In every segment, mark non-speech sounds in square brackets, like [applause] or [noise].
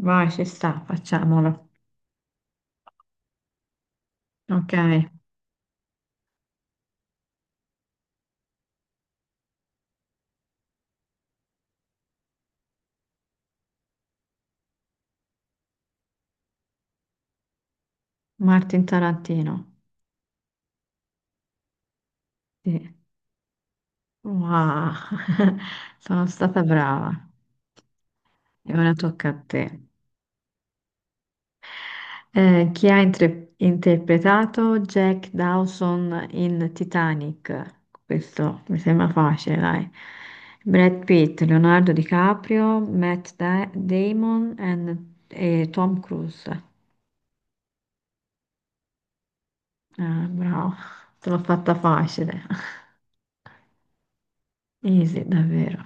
Vai, ci sta, facciamolo. Ok, Martin Tarantino. Sì. Wow, [laughs] sono stata brava. E ora tocca a te. Chi ha interpretato Jack Dawson in Titanic? Questo mi sembra facile, dai. Brad Pitt, Leonardo DiCaprio, Matt Damon e Tom Cruise. Ah, bravo, te l'ho fatta facile. [laughs] Easy, davvero.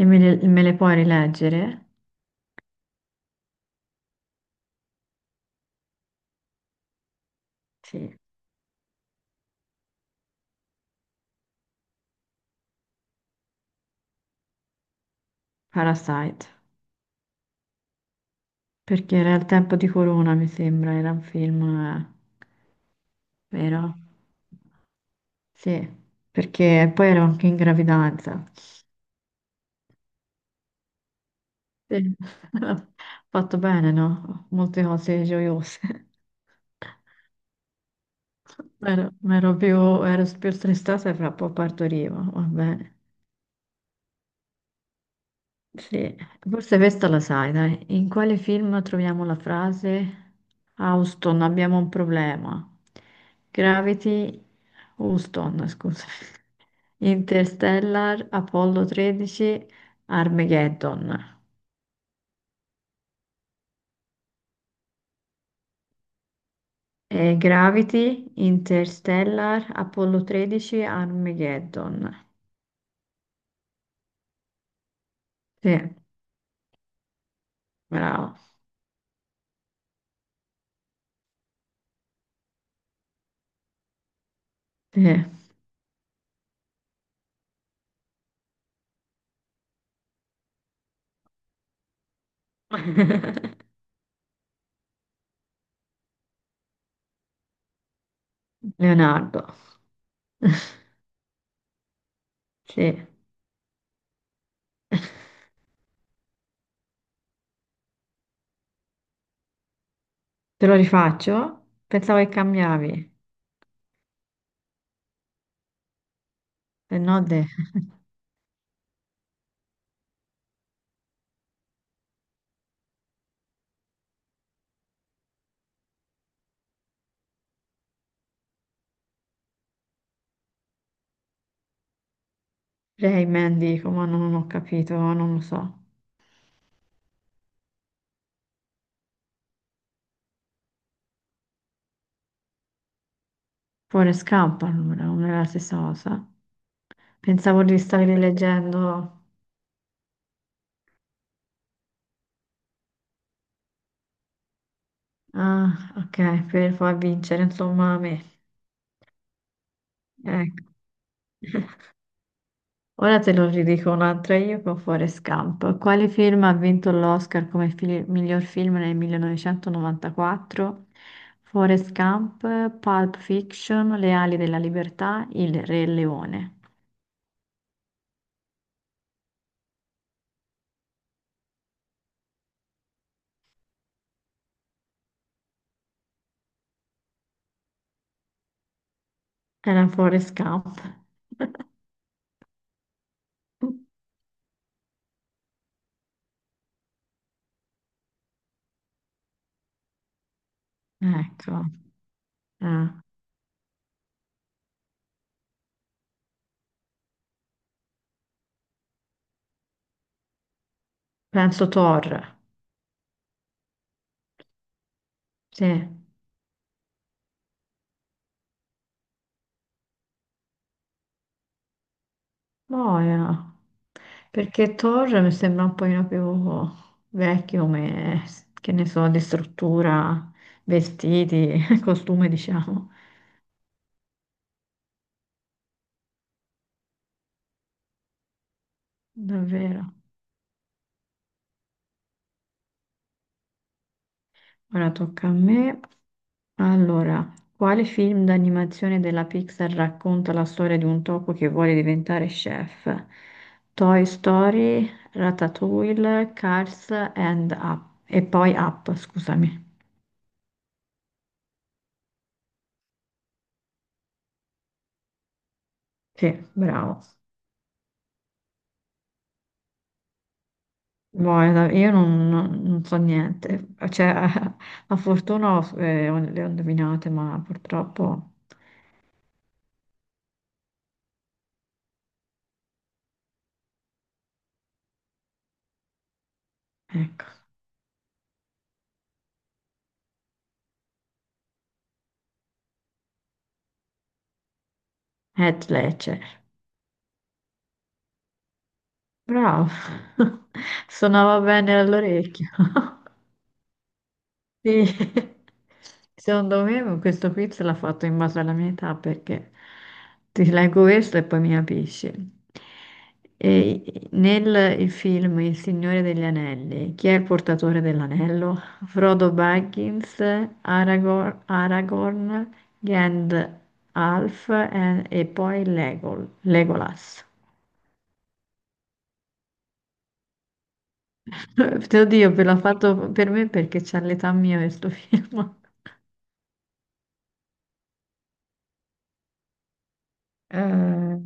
E me le puoi rileggere? Sì, Parasite. Perché era il tempo di Corona, mi sembra, era un film, vero? Sì, perché poi ero anche in gravidanza. Sì. [laughs] Fatto bene, no? Molte cose gioiose. [laughs] Ero, ero più, ero più stressata e fra un po' partorivo, va bene. Sì, forse questa la sai, dai. In quale film troviamo la frase "Houston, abbiamo un problema"? Gravity, Houston, scusa. [laughs] Interstellar, Apollo 13, Armageddon. E Gravity, Interstellar, Apollo 13, Armageddon. Sì, bravo. Sì. [laughs] Leonardo. Sì. Te lo rifaccio? Pensavo che cambiavi. Se no, [laughs] Rayman dico, ma non ho capito, non lo so. Forrest Gump allora, non è la stessa cosa. Pensavo di stare leggendo. Ah, ok, per far vincere, insomma, a me. Ecco. Ora te lo ridico un'altra io con Forrest Gump. Quale film ha vinto l'Oscar come miglior film nel 1994? Forrest Gump, Pulp Fiction, Le ali della libertà, Il Re Leone. Era Forrest Gump. Ecco, eh, penso Thor, sì, boia, perché Thor mi sembra un pochino più vecchio come, che ne so, di struttura, vestiti, [laughs] costume, diciamo, davvero. Ora tocca a me. Allora, quale film d'animazione della Pixar racconta la storia di un topo che vuole diventare chef? Toy Story, Ratatouille, Cars and Up. E poi Up, scusami. Sì, bravo. Boh, io non so niente. Cioè, [laughs] a fortuna le ho indovinate, ma purtroppo. Ecco. Heath Ledger. Bravo. [laughs] Suonava bene all'orecchio. [laughs] Sì. [laughs] Secondo me questo quiz l'ha fatto in base alla mia età perché ti leggo questo e poi mi capisci. E nel il film Il Signore degli Anelli, chi è il portatore dell'anello? Frodo Baggins, Aragorn, Gandalf e poi Legolas. [laughs] Oddio, ve l'ha fatto per me perché c'ha l'età mia questo film. [laughs] Eh,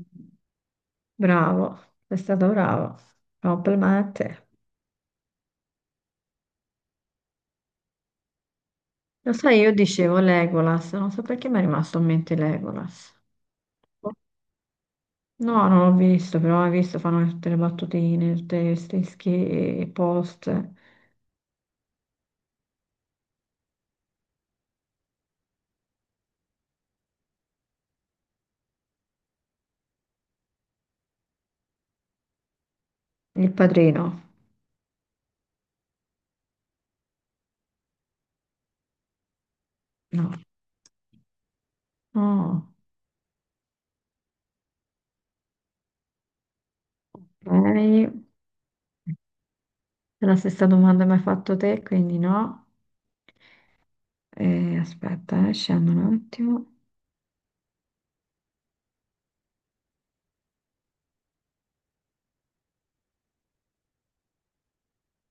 bravo, sei stato bravo. Complimenti. Lo sai, io dicevo Legolas, non so perché mi è rimasto in mente Legolas. No, non l'ho visto, però hai visto, fanno tutte le battutine, tutti questi post. Il padrino? No. No. Ok. La stessa domanda mi hai fatto te, quindi no. Aspetta, scendo un attimo.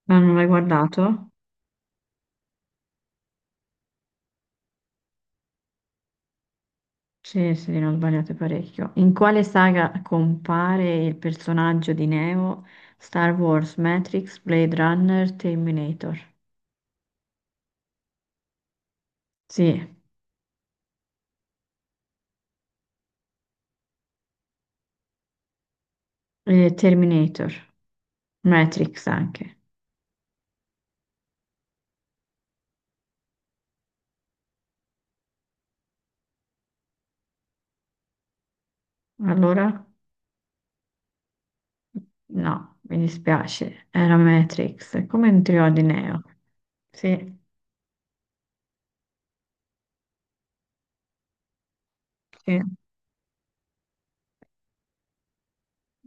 Ma non l'hai guardato? Sì, sì, ne ho sbagliato parecchio. In quale saga compare il personaggio di Neo? Star Wars, Matrix, Blade Runner, Terminator. Sì, Terminator, Matrix anche. Allora, no, mi dispiace, era Matrix, come un trio di Neo. Sì, sì,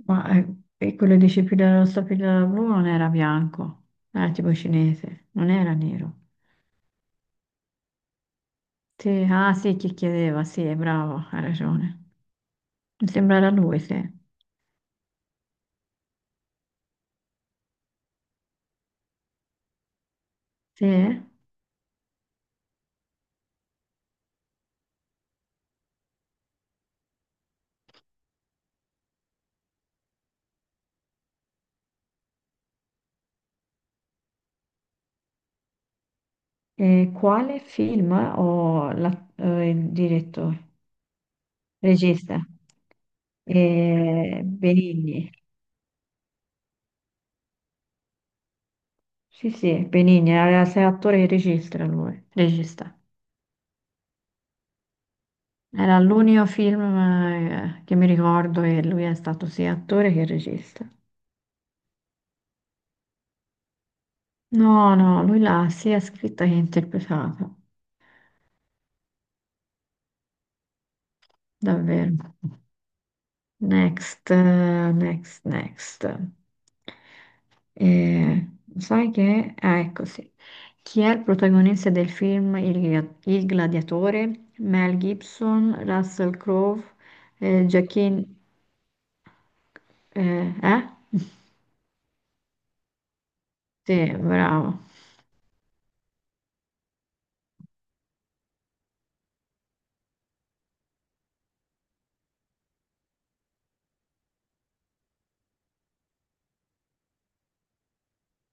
ma e quello di Scipilla rossa, pillola blu non era bianco, era tipo cinese, non era nero. Sì, ah sì, chi chiedeva, sì, è bravo, ha ragione. Mi sembra la 2, sì. Sì. E quale film o il direttore, regista? Benigni. Sì, sì, Benigni, era sei attore e regista lui, regista. Era l'unico film che mi ricordo e lui è stato sia attore che regista. No, no, lui l'ha sia scritta che interpretata, davvero. Next, next, next. Eh, Sai che. Ah, ecco sì. Chi è il protagonista del film Il Gladiatore? Mel Gibson, Russell Crowe, Joaquin. Eh? Sì, bravo.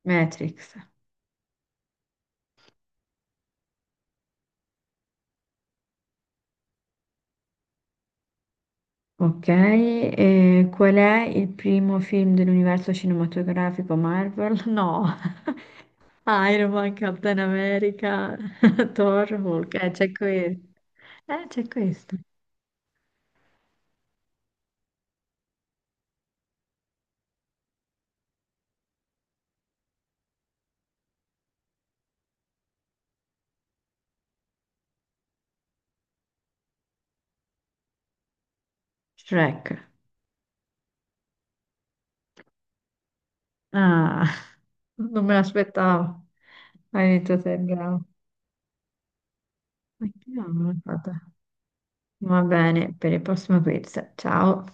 Matrix. Ok, qual è il primo film dell'universo cinematografico Marvel? [laughs] No, [laughs] Iron Man, Captain America, [laughs] Thor, Hulk, c'è qui. C'è questo. Shrek. Ah, [laughs] non me l'aspettavo. Hai detto sei bravo. Ma che bravo. Vabbè. Va bene, per il prossimo quiz. Ciao.